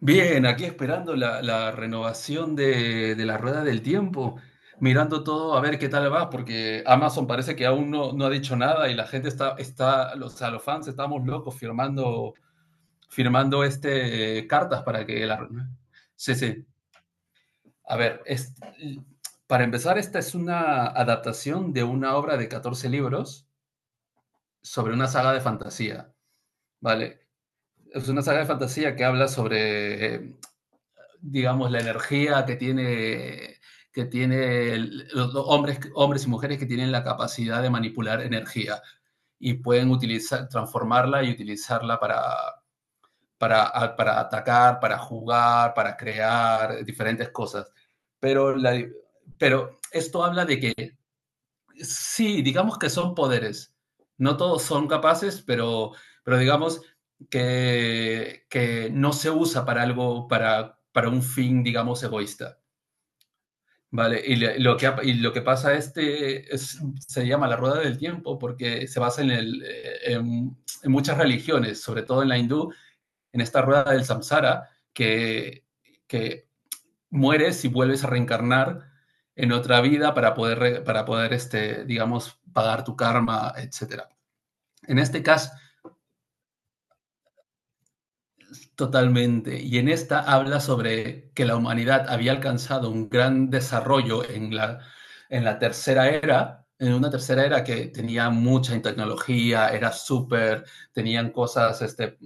Bien, aquí esperando la renovación de la rueda del tiempo, mirando todo a ver qué tal va, porque Amazon parece que aún no ha dicho nada y la gente está, o sea, los fans estamos locos firmando cartas para que la. Sí, sí. A ver, para empezar, esta es una adaptación de una obra de 14 libros sobre una saga de fantasía, ¿vale? Es una saga de fantasía que habla sobre digamos, la energía que tiene los hombres y mujeres que tienen la capacidad de manipular energía y pueden utilizar, transformarla y utilizarla para atacar, para jugar, para crear diferentes cosas. Pero, la, pero esto habla de que. Sí, digamos que son poderes. No todos son capaces, pero digamos que no se usa para algo, para un fin, digamos, egoísta. Vale, y y lo que pasa es, se llama la rueda del tiempo porque se basa en muchas religiones, sobre todo en la hindú, en esta rueda del samsara, que mueres y vuelves a reencarnar en otra vida para poder digamos, pagar tu karma, etcétera. En este caso. Totalmente. Y en esta habla sobre que la humanidad había alcanzado un gran desarrollo en la tercera era, en una tercera era que tenía mucha tecnología, era súper, tenían cosas,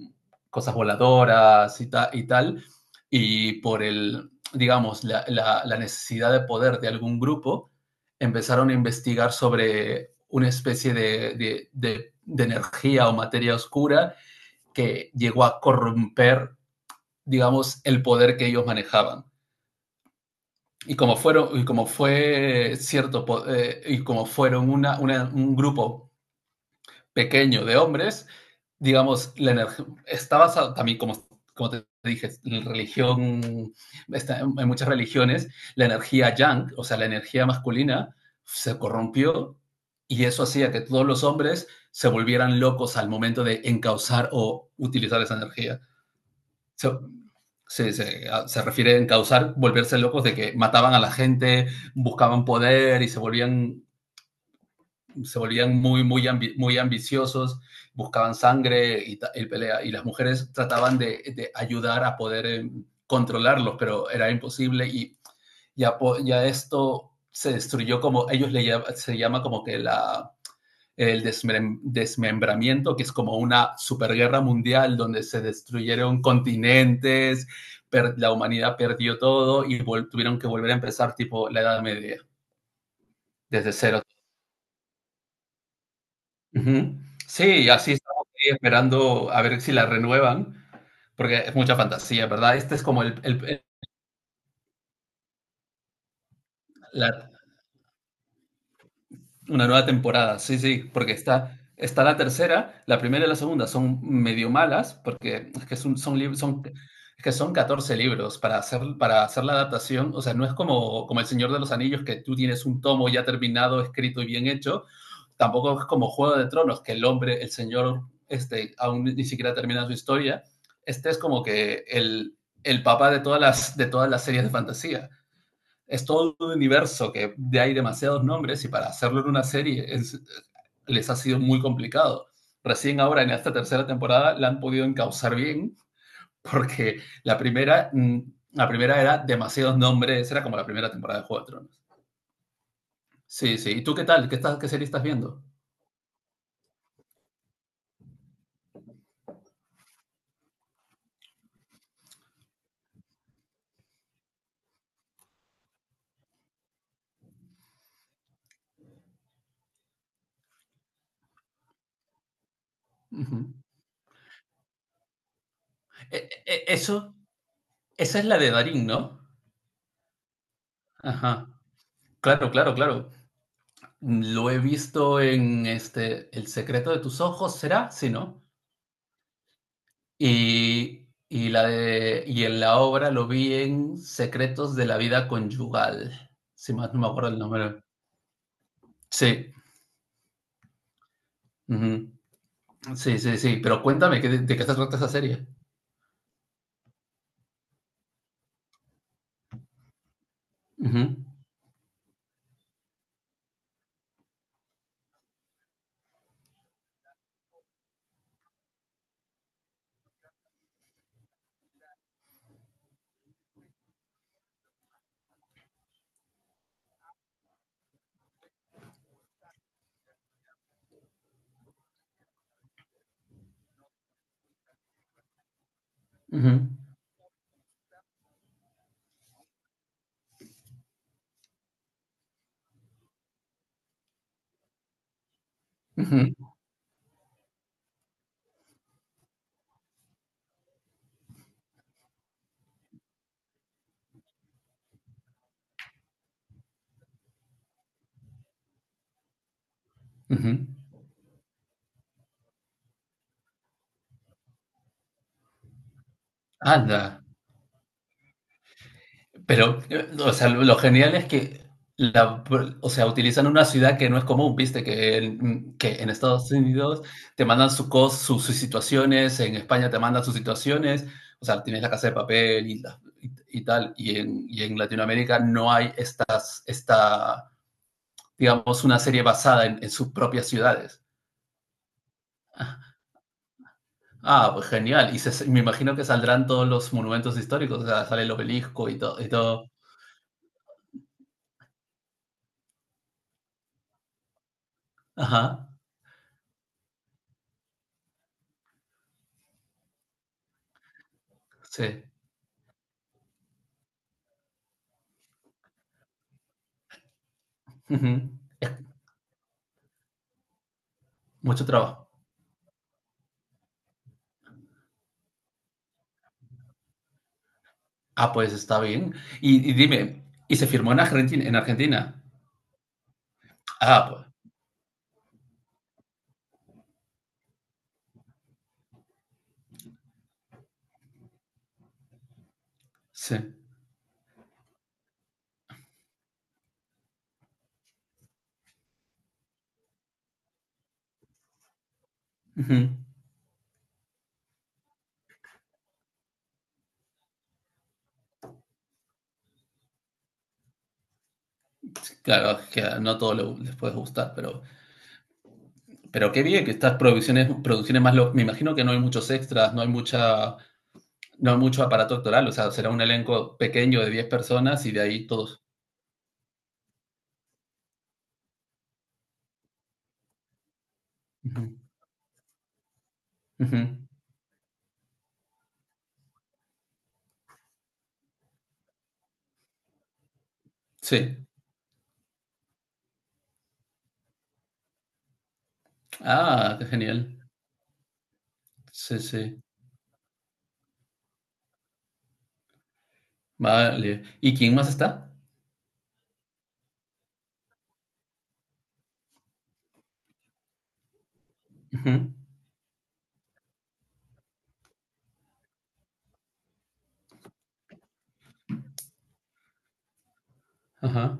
cosas voladoras y, y tal, y digamos, la necesidad de poder de algún grupo, empezaron a investigar sobre una especie de energía o materia oscura que llegó a corromper, digamos, el poder que ellos manejaban. Y como fueron, y como fue cierto, y como fueron un grupo pequeño de hombres. Digamos, la energía está basada también, como te dije, en religión, en muchas religiones, la energía yang, o sea, la energía masculina, se corrompió, y eso hacía que todos los hombres se volvieran locos al momento de encauzar o utilizar esa energía. Se, se, se, se refiere a encauzar, volverse locos de que mataban a la gente, buscaban poder y se volvían muy ambiciosos, buscaban sangre pelea. Y las mujeres trataban de ayudar a poder controlarlos, pero era imposible, y ya, ya esto se destruyó. Como ellos se llama, como que la el desmembramiento, que es como una superguerra mundial donde se destruyeron continentes, la humanidad perdió todo, y tuvieron que volver a empezar, tipo la Edad Media, desde cero. Uh -huh. Sí, así estamos ahí esperando a ver si la renuevan, porque es mucha fantasía, ¿verdad? Este es como el, la, Una nueva temporada, sí, sí, porque está la tercera, la primera y la segunda son medio malas, porque es que son 14 libros para hacer la adaptación. O sea, no es como El Señor de los Anillos, que tú tienes un tomo ya terminado, escrito y bien hecho. Tampoco es como Juego de Tronos, que el hombre, el señor, aún ni siquiera termina su historia. Este es como que el papá de todas las series de fantasía. Es todo un universo que de hay demasiados nombres, y para hacerlo en una serie es, les ha sido muy complicado. Recién ahora, en esta tercera temporada, la han podido encauzar bien, porque la primera era demasiados nombres, era como la primera temporada de Juego de Tronos. Sí, sí. ¿Y tú qué tal? ¿Qué serie estás viendo? Uh -huh. eh, eh, eso, Esa es la de Darín, ¿no? Ajá. Claro, claro, claro. Lo he visto en El secreto de tus ojos, ¿será? Sí, ¿no? Y en la obra lo vi en Secretos de la Vida Conyugal, si más no me acuerdo el nombre. Sí, ujú. Sí, sí, sí, pero cuéntame, ¿qué se trata esa serie? Ujú, ujú, ujú, ujú. Anda. Pero, o sea, lo genial es que, la, o sea, utilizan una ciudad que no es común, viste, que en Estados Unidos te mandan sus situaciones, en España te mandan sus situaciones. O sea, tienes La Casa de Papel y tal, y en Latinoamérica no hay digamos, una serie basada en sus propias ciudades. Ah, ah, pues genial, y me imagino que saldrán todos los monumentos históricos, o sea, sale el obelisco todo y todo. Ajá, sí. Ujú. Mucho trabajo. Ah, pues está bien. Y dime, ¿y se firmó en Argentina? ¿En Argentina? Ah, pues sí. Ujú. Claro, es que no todo les puede gustar, pero qué bien que estas producciones más. Me imagino que no hay muchos extras, no hay mucho aparato actoral, o sea, será un elenco pequeño de 10 personas y de ahí todos. Ujú. Ujú. Sí. Ah, qué genial. Sí, sí. Vale. ¿Y quién más está? Ujú. Ajá,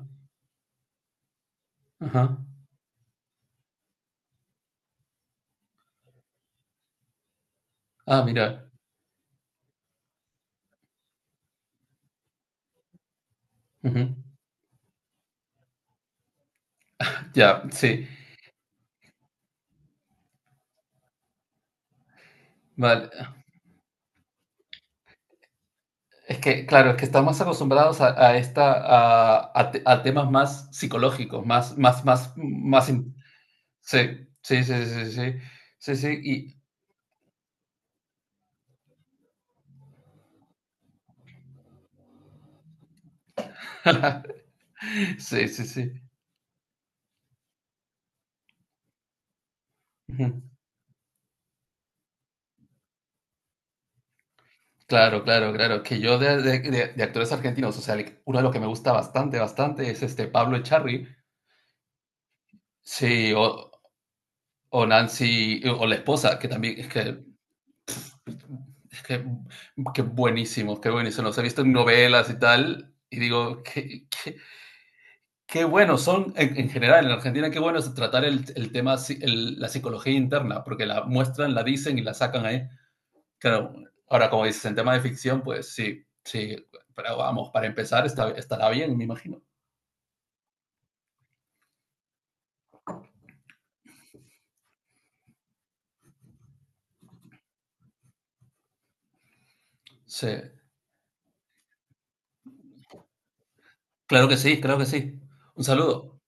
ajá. Ah, mira. Ujú. Ya, sí. Vale. Es que, claro, es que estamos acostumbrados a esta a, te- a temas más psicológicos, más. Sí, sí, sí, sí, sí. Sí, sí, sí, y. Sí, sí, sí. Ujú. Claro, claro, claro. Que yo de actores argentinos, o sea, uno de los que me gusta bastante, bastante es este Pablo Echarri. Sí, o Nancy, o la esposa, que también es que. Es que, qué buenísimos, qué buenísimos. Los he visto en novelas y tal, y digo, qué buenos son, general, en Argentina. Qué bueno es tratar el tema, si, el, la psicología interna, porque la muestran, la dicen y la sacan ahí. Claro, ahora, como dices, en tema de ficción, pues sí, sí, pero vamos, para empezar estará bien, me imagino. Sí, claro que sí, claro que sí. Un saludo.